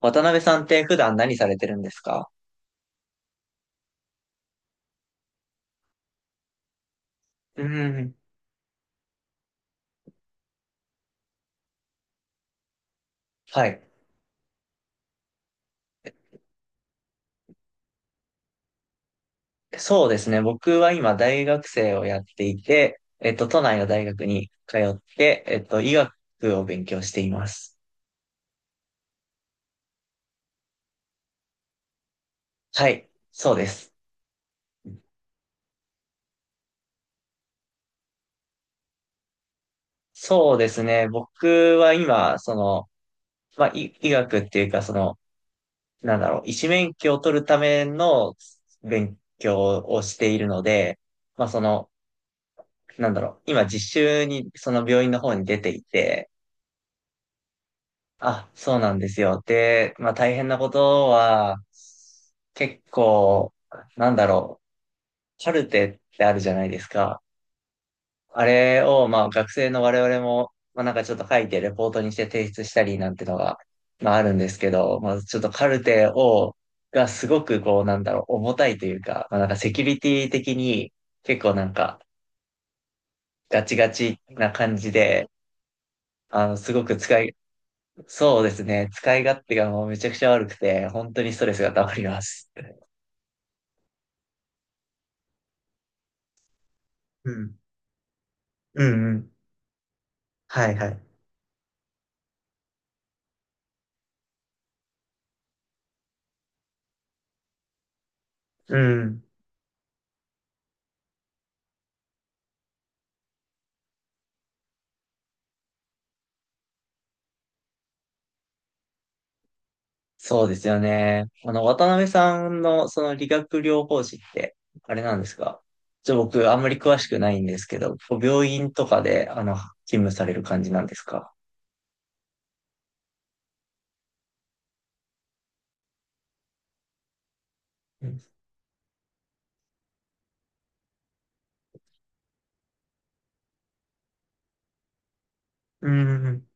渡辺さんって普段何されてるんですか？うん。はい。そうですね。僕は今大学生をやっていて、都内の大学に通って、医学を勉強しています。はい。そうです。そうですね。僕は今、まあ、医学っていうか、なんだろう、医師免許を取るための勉強をしているので、まあ、なんだろう、今実習に、その病院の方に出ていて、あ、そうなんですよ。で、まあ大変なことは、結構、なんだろう、カルテってあるじゃないですか。あれを、まあ学生の我々も、まあなんかちょっと書いてレポートにして提出したりなんてのが、まああるんですけど、まあちょっとカルテを、がすごくこう、なんだろう、重たいというか、まあなんかセキュリティ的に結構なんかガチガチな感じで、あの、すごく使いそうですね。使い勝手がもうめちゃくちゃ悪くて、本当にストレスが溜まります。うん。うんうん。はいはい。うん。そうですよね。渡辺さんのその理学療法士って、あれなんですか？僕、あんまり詳しくないんですけど、こう病院とかで、勤務される感じなんですか？うん。うん。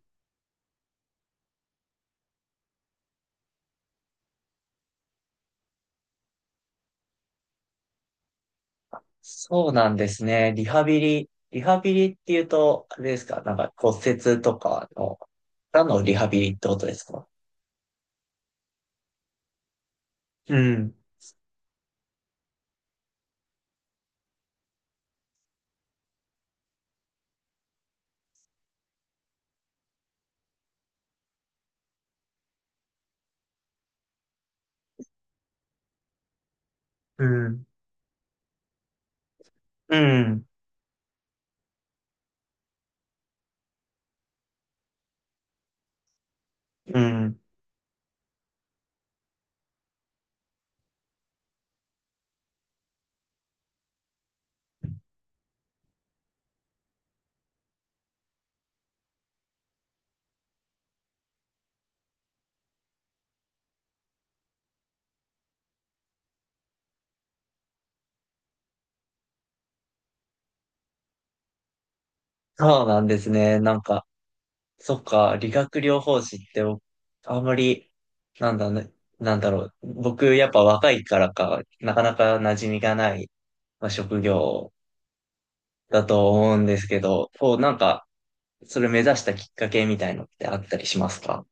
そうなんですね。リハビリっていうと、あれですかなんか骨折とかの、からのリハビリってことですか？うん。うん。うん。うん。そうなんですね。なんか、そっか、理学療法士って僕、あんまり、なんだね、なんだろう。僕、やっぱ若いからか、なかなか馴染みがない、まあ、職業だと思うんですけど、こう、なんか、それ目指したきっかけみたいのってあったりしますか？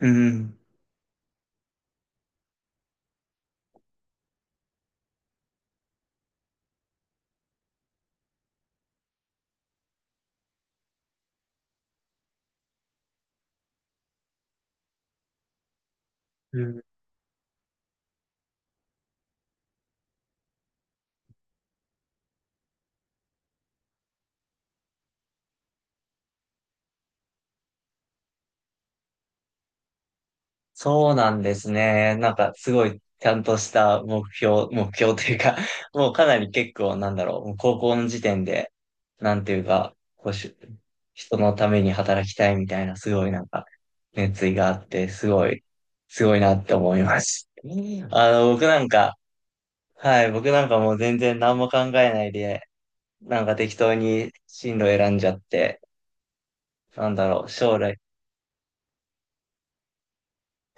うん。そうなんですね。なんかすごいちゃんとした目標というか、もうかなり結構なんだろう、もう高校の時点で、なんていうか、こうし、人のために働きたいみたいな、すごいなんか、熱意があって、すごい、すごいなって思います。あの、僕なんか、はい、僕なんかもう全然何も考えないで、なんか適当に進路選んじゃって、なんだろう、将来。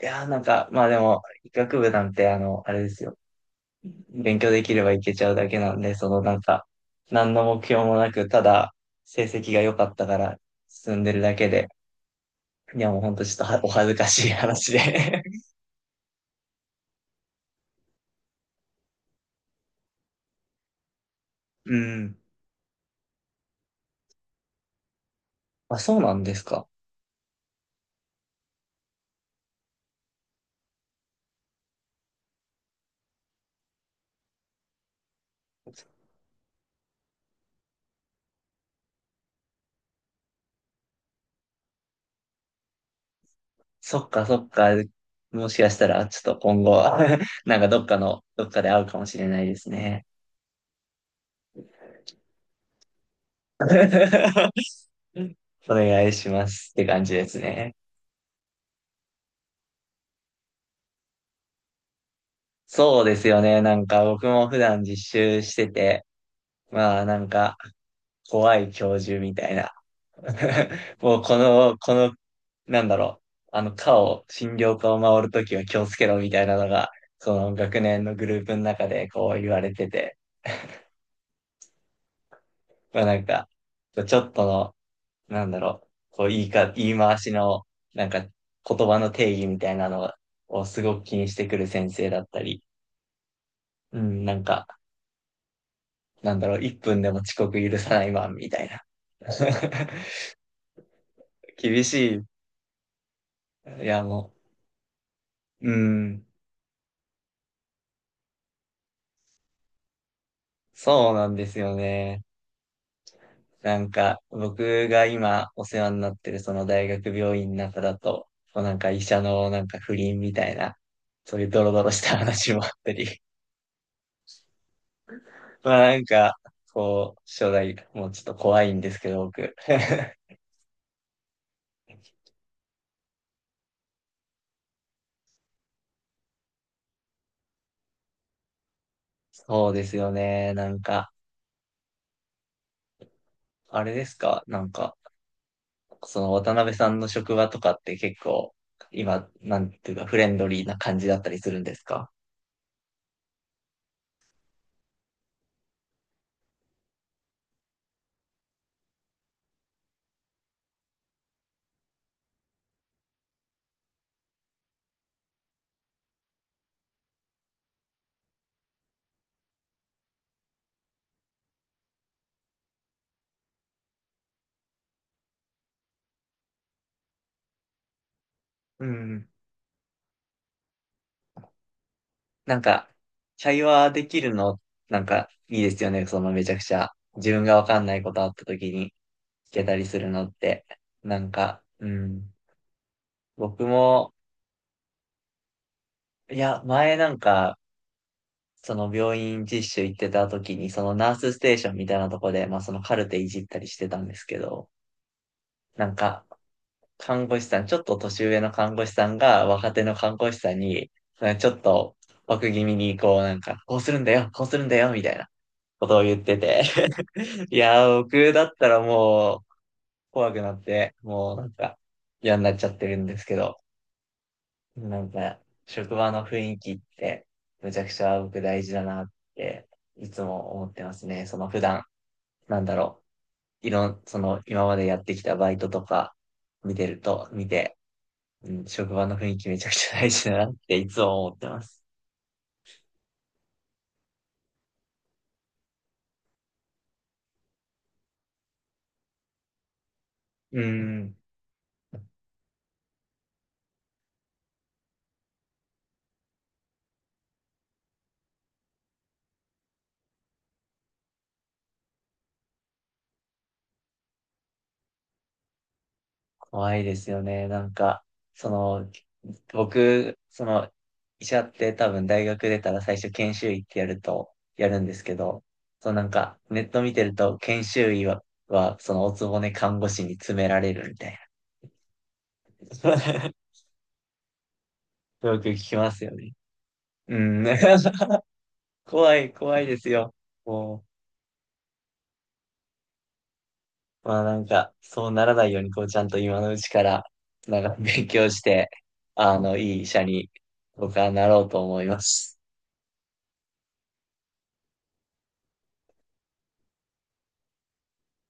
いやー、なんか、まあでも、医学部なんて、あれですよ。勉強できればいけちゃうだけなんで、なんか、何の目標もなく、ただ成績が良かったから進んでるだけで、いやもうほんとちょっとはお恥ずかしい話で うん。あ、そうなんですか。そっかそっか。もしかしたら、ちょっと今後、なんかどっかで会うかもしれないですね。お願いしますって感じですね。そうですよね。なんか僕も普段実習してて、まあなんか、怖い教授みたいな。もうこの、なんだろう、診療科を回るときは気をつけろみたいなのが、その学年のグループの中でこう言われてて、まあなんか、ちょっとの、なんだろう、こう言い回しの、なんか、言葉の定義みたいなのをすごく気にしてくる先生だったり、うん、なんか、なんだろう、1分でも遅刻許さないマンみたいな。厳しい。いや、もう、うん、そうなんですよね。なんか、僕が今お世話になってるその大学病院の中だと、こうなんか医者のなんか不倫みたいな、そういうドロドロした話もあったり、まあなんか、こう、将来もうちょっと怖いんですけど、僕。そうですよね。なんか、あれですかなんか、その渡辺さんの職場とかって結構、今、なんていうか、フレンドリーな感じだったりするんですか？うん。なんか、会話できるの、なんか、いいですよね。そのめちゃくちゃ、自分がわかんないことあった時に聞けたりするのって。なんか、うん。僕も、いや、前なんか、その病院実習行ってた時に、そのナースステーションみたいなとこで、まあそのカルテいじったりしてたんですけど、なんか、看護師さん、ちょっと年上の看護師さんが若手の看護師さんに、なんかちょっと枠気味にこうなんか、こうするんだよ、こうするんだよ、みたいなことを言ってて。いやー、僕だったらもう怖くなって、もうなんか嫌になっちゃってるんですけど、なんか職場の雰囲気ってむちゃくちゃ僕大事だなっていつも思ってますね。その普段、なんだろう、いろん、その今までやってきたバイトとか見てると、うん、職場の雰囲気めちゃくちゃ大事だなっていつも思ってます。うん。怖いですよね。なんか、その、僕、その、医者って多分大学出たら最初研修医ってやるんですけど、そのなんか、ネット見てると研修医はそのおつぼね看護師に詰められるみたいな。よく聞きますよね。うん。怖い、怖いですよ。もうまあなんか、そうならないように、こう、ちゃんと今のうちから、なんか勉強して、いい医者に僕はなろうと思います。